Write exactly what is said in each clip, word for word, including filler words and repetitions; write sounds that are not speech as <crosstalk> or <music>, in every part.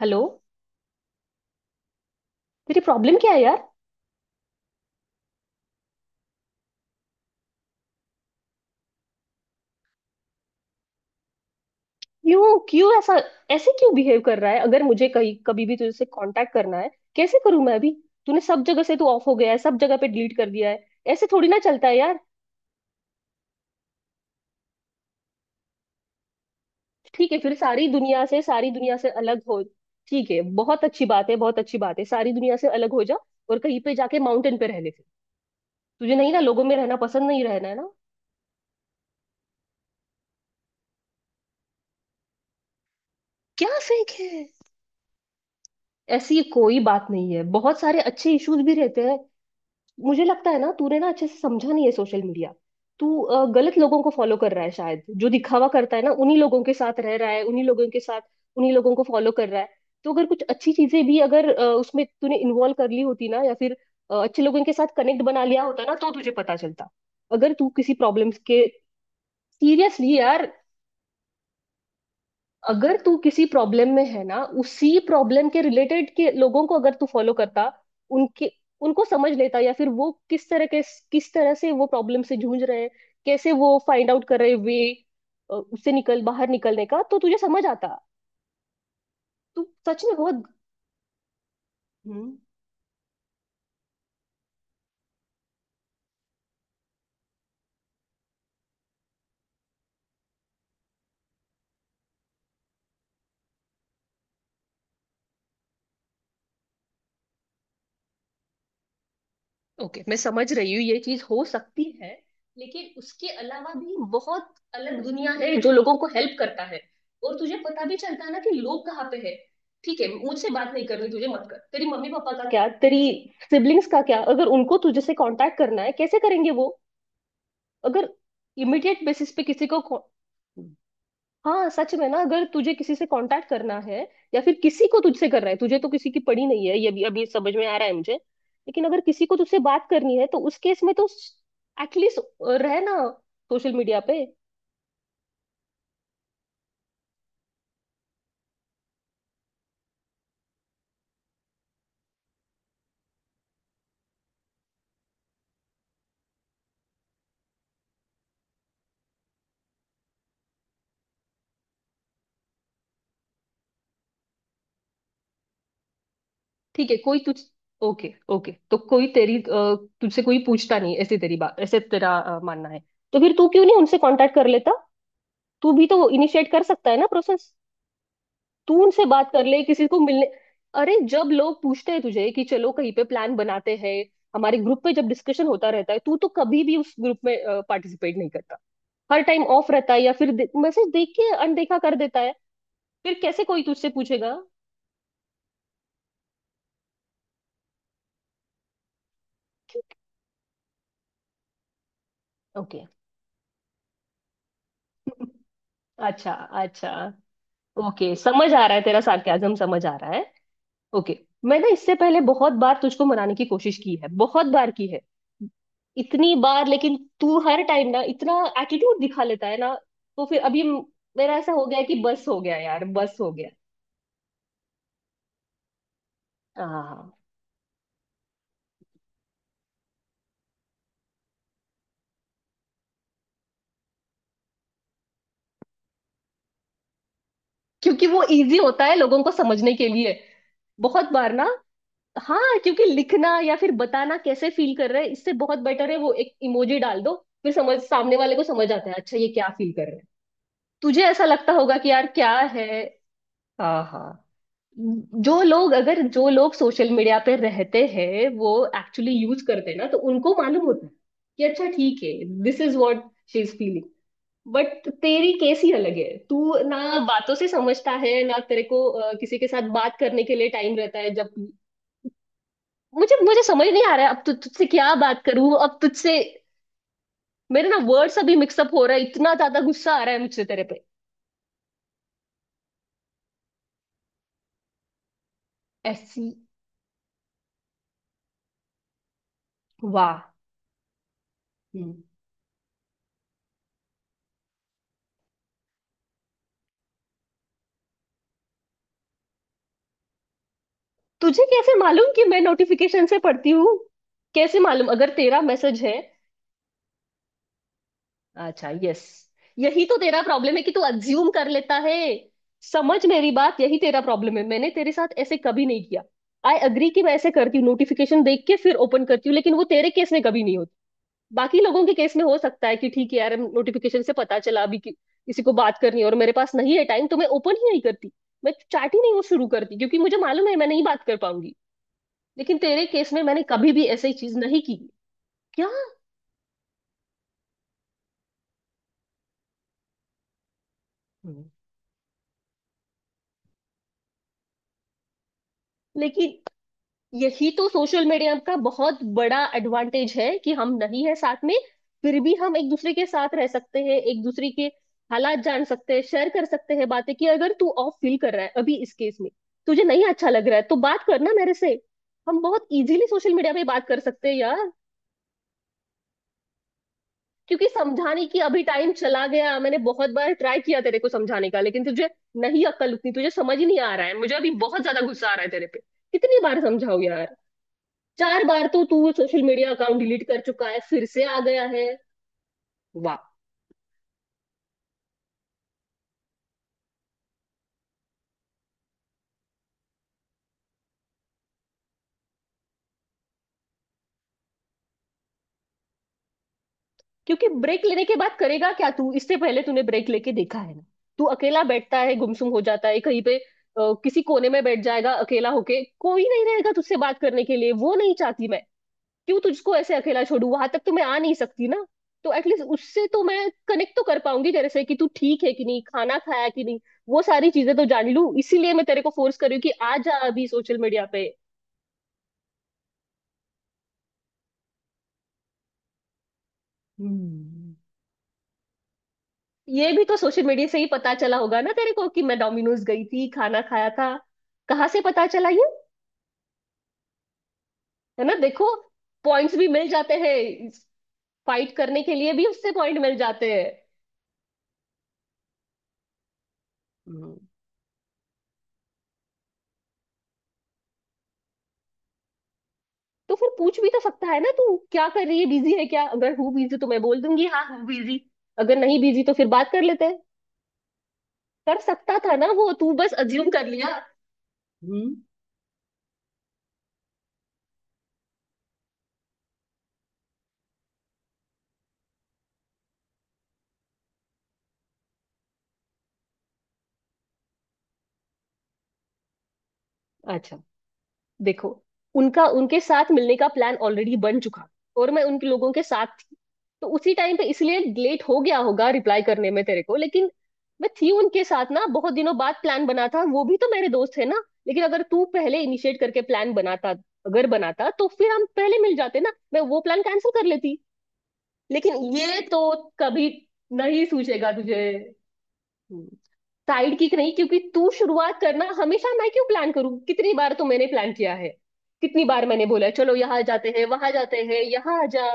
Hello. तेरी problem क्या है यार? क्यों क्यों ऐसा? ऐसे क्यों बिहेव कर रहा है? अगर मुझे कहीं कभी भी तुझसे कांटेक्ट करना है कैसे करूं मैं अभी? तूने सब जगह से तू ऑफ हो गया है, सब जगह पे डिलीट कर दिया है। ऐसे थोड़ी ना चलता है यार। ठीक है, फिर सारी दुनिया से सारी दुनिया से अलग हो। ठीक है, बहुत अच्छी बात है, बहुत अच्छी बात है। सारी दुनिया से अलग हो जा और कहीं पे जाके माउंटेन पे रह ले फिर। तुझे नहीं ना, लोगों में रहना पसंद नहीं, रहना है ना? क्या फेक है? ऐसी कोई बात नहीं है, बहुत सारे अच्छे इश्यूज भी रहते हैं। मुझे लगता है ना तूने ना अच्छे से समझा नहीं है सोशल मीडिया। तू अ, गलत लोगों को फॉलो कर रहा है शायद, जो दिखावा करता है ना उन्हीं लोगों के साथ रह रहा है, उन्हीं लोगों के साथ उन्हीं लोगों को फॉलो कर रहा है। तो अगर कुछ अच्छी चीजें भी, अगर अ, उसमें तूने इन्वॉल्व कर ली होती ना, या फिर अ, अच्छे लोगों के साथ कनेक्ट बना लिया होता ना, तो तुझे पता चलता। अगर तू किसी प्रॉब्लम्स के, सीरियसली यार। अगर तू किसी प्रॉब्लम में है ना, उसी प्रॉब्लम के रिलेटेड के लोगों को अगर तू फॉलो करता, उनके उनको समझ लेता, या फिर वो किस तरह के किस तरह से वो प्रॉब्लम से जूझ रहे हैं, कैसे वो फाइंड आउट कर रहे वे उससे निकल बाहर निकलने का, तो तुझे समझ आता। तू सच में बहुत। हम्म। ओके, मैं समझ रही हूँ ये चीज हो सकती है। लेकिन उसके अलावा भी बहुत अलग दुनिया है जो लोगों को हेल्प करता है। और तुझे पता भी चलता है ना कि लोग कहाँ पे है। ठीक है, मुझसे बात नहीं करनी तुझे मत कर। तेरी मम्मी पापा का क्या, तेरी सिबलिंग्स का क्या, अगर उनको तुझे से कांटेक्ट करना है कैसे करेंगे वो? अगर इमीडिएट बेसिस पे किसी को। हाँ सच में ना, अगर तुझे किसी से कांटेक्ट करना है, या फिर किसी को तुझसे कर रहा है, तुझे तो किसी की पड़ी नहीं है, ये भी अभी समझ में आ रहा है मुझे। लेकिन अगर किसी को तुझसे बात करनी है तो उस केस में तो एटलीस्ट रहे ना सोशल मीडिया पे। ठीक है, कोई तुझ। ओके ओके, तो कोई तेरी अ, तुझसे कोई पूछता नहीं, ऐसी तेरी बात, ऐसे तेरा अ, मानना है। तो फिर तू क्यों नहीं उनसे कांटेक्ट कर लेता? तू भी तो इनिशिएट कर सकता है ना प्रोसेस। तू उनसे बात कर ले किसी को मिलने। अरे जब लोग पूछते हैं तुझे कि चलो कहीं पे प्लान बनाते हैं, हमारे ग्रुप पे जब डिस्कशन होता रहता है, तू तो कभी भी उस ग्रुप में पार्टिसिपेट नहीं करता। हर टाइम ऑफ रहता है, या फिर मैसेज देख के अनदेखा कर देता है। फिर कैसे कोई तुझसे पूछेगा? ओके। <laughs> अच्छा। अच्छा। ओके, समझ आ रहा है, तेरा सार्केज्म समझ आ रहा है। ओके। मैं ना इससे पहले बहुत बार तुझको मनाने की कोशिश की है, बहुत बार की है, इतनी बार। लेकिन तू हर टाइम ना इतना एटीट्यूड दिखा लेता है ना, तो फिर अभी म-। मेरा ऐसा हो गया है कि बस हो गया यार, बस हो गया। हाँ क्योंकि वो इजी होता है लोगों को समझने के लिए, बहुत बार ना। हाँ क्योंकि लिखना, या फिर बताना कैसे फील कर रहे हैं, इससे बहुत बेटर है वो एक इमोजी डाल दो। फिर समझ सामने वाले को समझ आता है, अच्छा ये क्या फील कर रहे हैं। तुझे ऐसा लगता होगा कि यार क्या है। हाँ हाँ। जो लोग अगर जो लोग सोशल मीडिया पे रहते हैं, वो एक्चुअली यूज करते हैं ना, तो उनको मालूम होता है कि अच्छा ठीक है, this is what she is feeling. But तेरी केस ही अलग है, तू ना बातों से समझता है ना तेरे को, अ, किसी के साथ बात करने के लिए टाइम रहता है जब। मुझे मुझे समझ नहीं आ रहा है, अब तु, तुझसे क्या बात करूं अब तुझसे। मेरे ना वर्ड्स अभी मिक्सअप हो रहा है, इतना ज्यादा गुस्सा आ रहा है मुझसे तेरे पे। ऐसी। वाह। हम्म। तुझे कैसे मालूम कि मैं नोटिफिकेशन से पढ़ती हूँ? कैसे मालूम अगर तेरा मैसेज है? अच्छा यस। यही तो तेरा प्रॉब्लम है कि तू अज्यूम कर लेता है। समझ मेरी बात, यही तेरा प्रॉब्लम है, मैंने तेरे साथ ऐसे कभी नहीं किया। आई अग्री कि मैं ऐसे करती हूँ, नोटिफिकेशन देख के फिर ओपन करती हूँ, लेकिन वो तेरे केस में कभी नहीं होती। बाकी लोगों के केस में हो सकता है कि ठीक है यार, नोटिफिकेशन से पता चला अभी कि किसी को बात करनी है और मेरे पास नहीं है टाइम, तो मैं ओपन ही नहीं करती। मैं चैट ही नहीं वो शुरू करती, क्योंकि मुझे मालूम है मैं नहीं बात कर पाऊंगी। लेकिन तेरे केस में मैंने कभी भी ऐसी चीज नहीं की। क्या? हम्म। लेकिन यही तो सोशल मीडिया का बहुत बड़ा एडवांटेज है कि हम नहीं है साथ में, फिर भी हम एक दूसरे के साथ रह सकते हैं, एक दूसरे के हालात जान सकते हैं, शेयर कर सकते हैं बातें। कि अगर तू ऑफ फील कर रहा है अभी इस केस में, तुझे नहीं अच्छा लग रहा है, तो बात करना मेरे से। हम बहुत इजीली सोशल मीडिया पे बात कर सकते हैं यार। क्योंकि समझाने की अभी टाइम चला गया, मैंने बहुत बार ट्राई किया तेरे को समझाने का, लेकिन तुझे नहीं अक्ल उतनी, तुझे समझ ही नहीं आ रहा है। मुझे अभी बहुत ज्यादा गुस्सा आ रहा है तेरे पे। कितनी बार समझाऊं यार? चार बार तो तू सोशल मीडिया अकाउंट डिलीट कर चुका है, फिर से आ गया है। वाह। क्योंकि ब्रेक लेने के बाद करेगा क्या तू? इससे पहले तूने ब्रेक लेके देखा है ना। तू अकेला बैठता है, गुमसुम हो जाता है कहीं पे, अ, किसी कोने में बैठ जाएगा अकेला होके, कोई नहीं रहेगा तुझसे बात करने के लिए। वो नहीं चाहती मैं। क्यों तुझको ऐसे अकेला छोड़ू, वहां तक तो मैं आ नहीं सकती ना। तो एटलीस्ट उससे तो मैं कनेक्ट तो कर पाऊंगी तेरे से, कि तू ठीक है कि नहीं, खाना खाया कि नहीं, वो सारी चीजें तो जान लूं। इसीलिए मैं तेरे को फोर्स कर रही हूँ कि आ जा अभी सोशल मीडिया पे। हम्म। ये भी तो सोशल मीडिया से ही पता चला होगा ना तेरे को कि मैं डोमिनोज गई थी, खाना खाया था। कहाँ से पता चला ये? है ना, देखो, पॉइंट्स भी मिल जाते हैं, फाइट करने के लिए भी उससे पॉइंट मिल जाते हैं। तो फिर पूछ भी तो सकता है ना, तू क्या कर रही है, बिजी है क्या? अगर हूँ बिजी तो मैं बोल दूंगी हाँ हूँ बिजी, अगर नहीं बिजी तो फिर बात कर लेते हैं। कर सकता था ना वो, तू बस अज्यूम कर लिया। हम्म। अच्छा देखो, उनका उनके साथ मिलने का प्लान ऑलरेडी बन चुका, और मैं उनके लोगों के साथ थी, तो उसी टाइम पे इसलिए लेट हो गया होगा रिप्लाई करने में तेरे को। लेकिन मैं थी उनके साथ ना, बहुत दिनों बाद प्लान बना था, वो भी तो मेरे दोस्त है ना। लेकिन अगर तू पहले इनिशिएट करके प्लान बनाता, अगर बनाता तो फिर हम पहले मिल जाते ना, मैं वो प्लान कैंसिल कर लेती। लेकिन ये तो कभी नहीं सूझेगा तुझे। साइड किक नहीं, क्योंकि तू शुरुआत करना, हमेशा मैं क्यों प्लान करूं? कितनी बार तो मैंने प्लान किया है, कितनी बार मैंने बोला चलो यहाँ जाते हैं, वहां जाते हैं, यहाँ आ जा।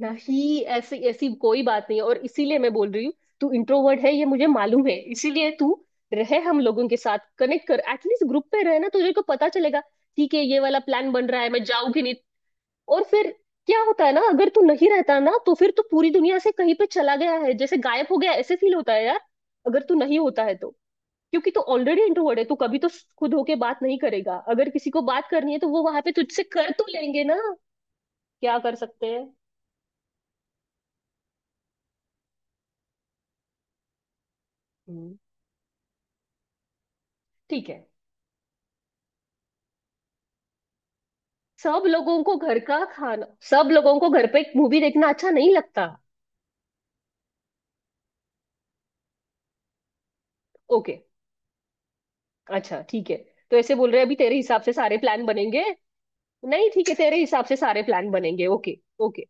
नहीं, ऐसी ऐसी कोई बात नहीं है, और इसीलिए मैं बोल रही हूँ। तू इंट्रोवर्ट है ये मुझे मालूम है, इसीलिए तू रहे हम लोगों के साथ, कनेक्ट कर, एटलीस्ट ग्रुप पे रहे ना, तुझे को पता चलेगा। ठीक है ये वाला प्लान बन रहा है मैं जाऊंगी नहीं, और फिर क्या होता है ना, अगर तू नहीं रहता ना, तो फिर तू पूरी दुनिया से कहीं पे चला गया है, जैसे गायब हो गया, ऐसे फील होता है यार। अगर तू नहीं होता है, तो क्योंकि तू ऑलरेडी इंट्रोवर्ट है, तू कभी तो खुद होके बात नहीं करेगा, अगर किसी को बात करनी है तो वो वहां पे तुझसे कर तो लेंगे ना। क्या कर सकते हैं? हम्म, ठीक है। सब लोगों को घर का खाना, सब लोगों को घर पे मूवी देखना अच्छा नहीं लगता। ओके, अच्छा ठीक है, तो ऐसे बोल रहे हैं, अभी तेरे हिसाब से सारे प्लान बनेंगे। नहीं ठीक है, तेरे हिसाब से सारे प्लान बनेंगे, ओके ओके।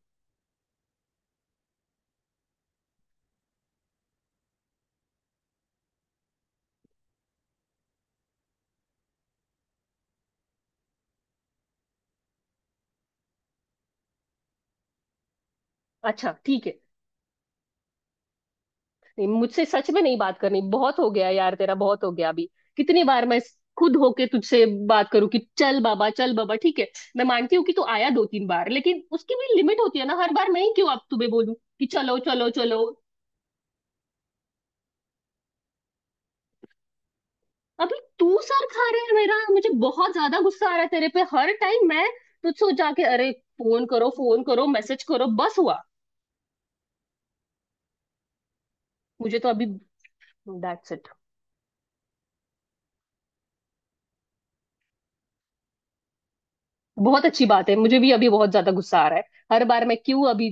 अच्छा ठीक है, नहीं मुझसे सच में नहीं बात करनी, बहुत हो गया यार, तेरा बहुत हो गया अभी। कितनी बार मैं खुद होके तुझसे बात करूं कि चल बाबा चल बाबा, ठीक है मैं मानती हूँ कि तू आया दो तीन बार, लेकिन उसकी भी लिमिट होती है ना, हर बार मैं ही क्यों अब तुम्हें बोलूं कि चलो चलो चलो। अभी तू सर खा रहे है मेरा, मुझे बहुत ज्यादा गुस्सा आ रहा है तेरे पे, हर टाइम मैं तुझसे जाके अरे फोन करो, फोन करो, मैसेज करो, बस हुआ। मुझे तो अभी दैट्स इट। बहुत अच्छी बात है, मुझे भी अभी बहुत ज्यादा गुस्सा आ रहा है। हर बार मैं क्यों अभी?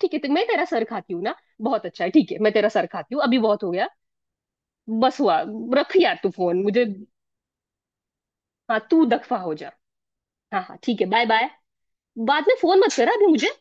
ठीक है, तो मैं तेरा सर खाती हूँ ना, बहुत अच्छा है, ठीक है मैं तेरा सर खाती हूँ, अभी बहुत हो गया, बस हुआ। रख यार तू फोन मुझे। हाँ तू दफा हो जा। हाँ हाँ ठीक है, बाय बाय। बाद में फोन मत करा अभी मुझे।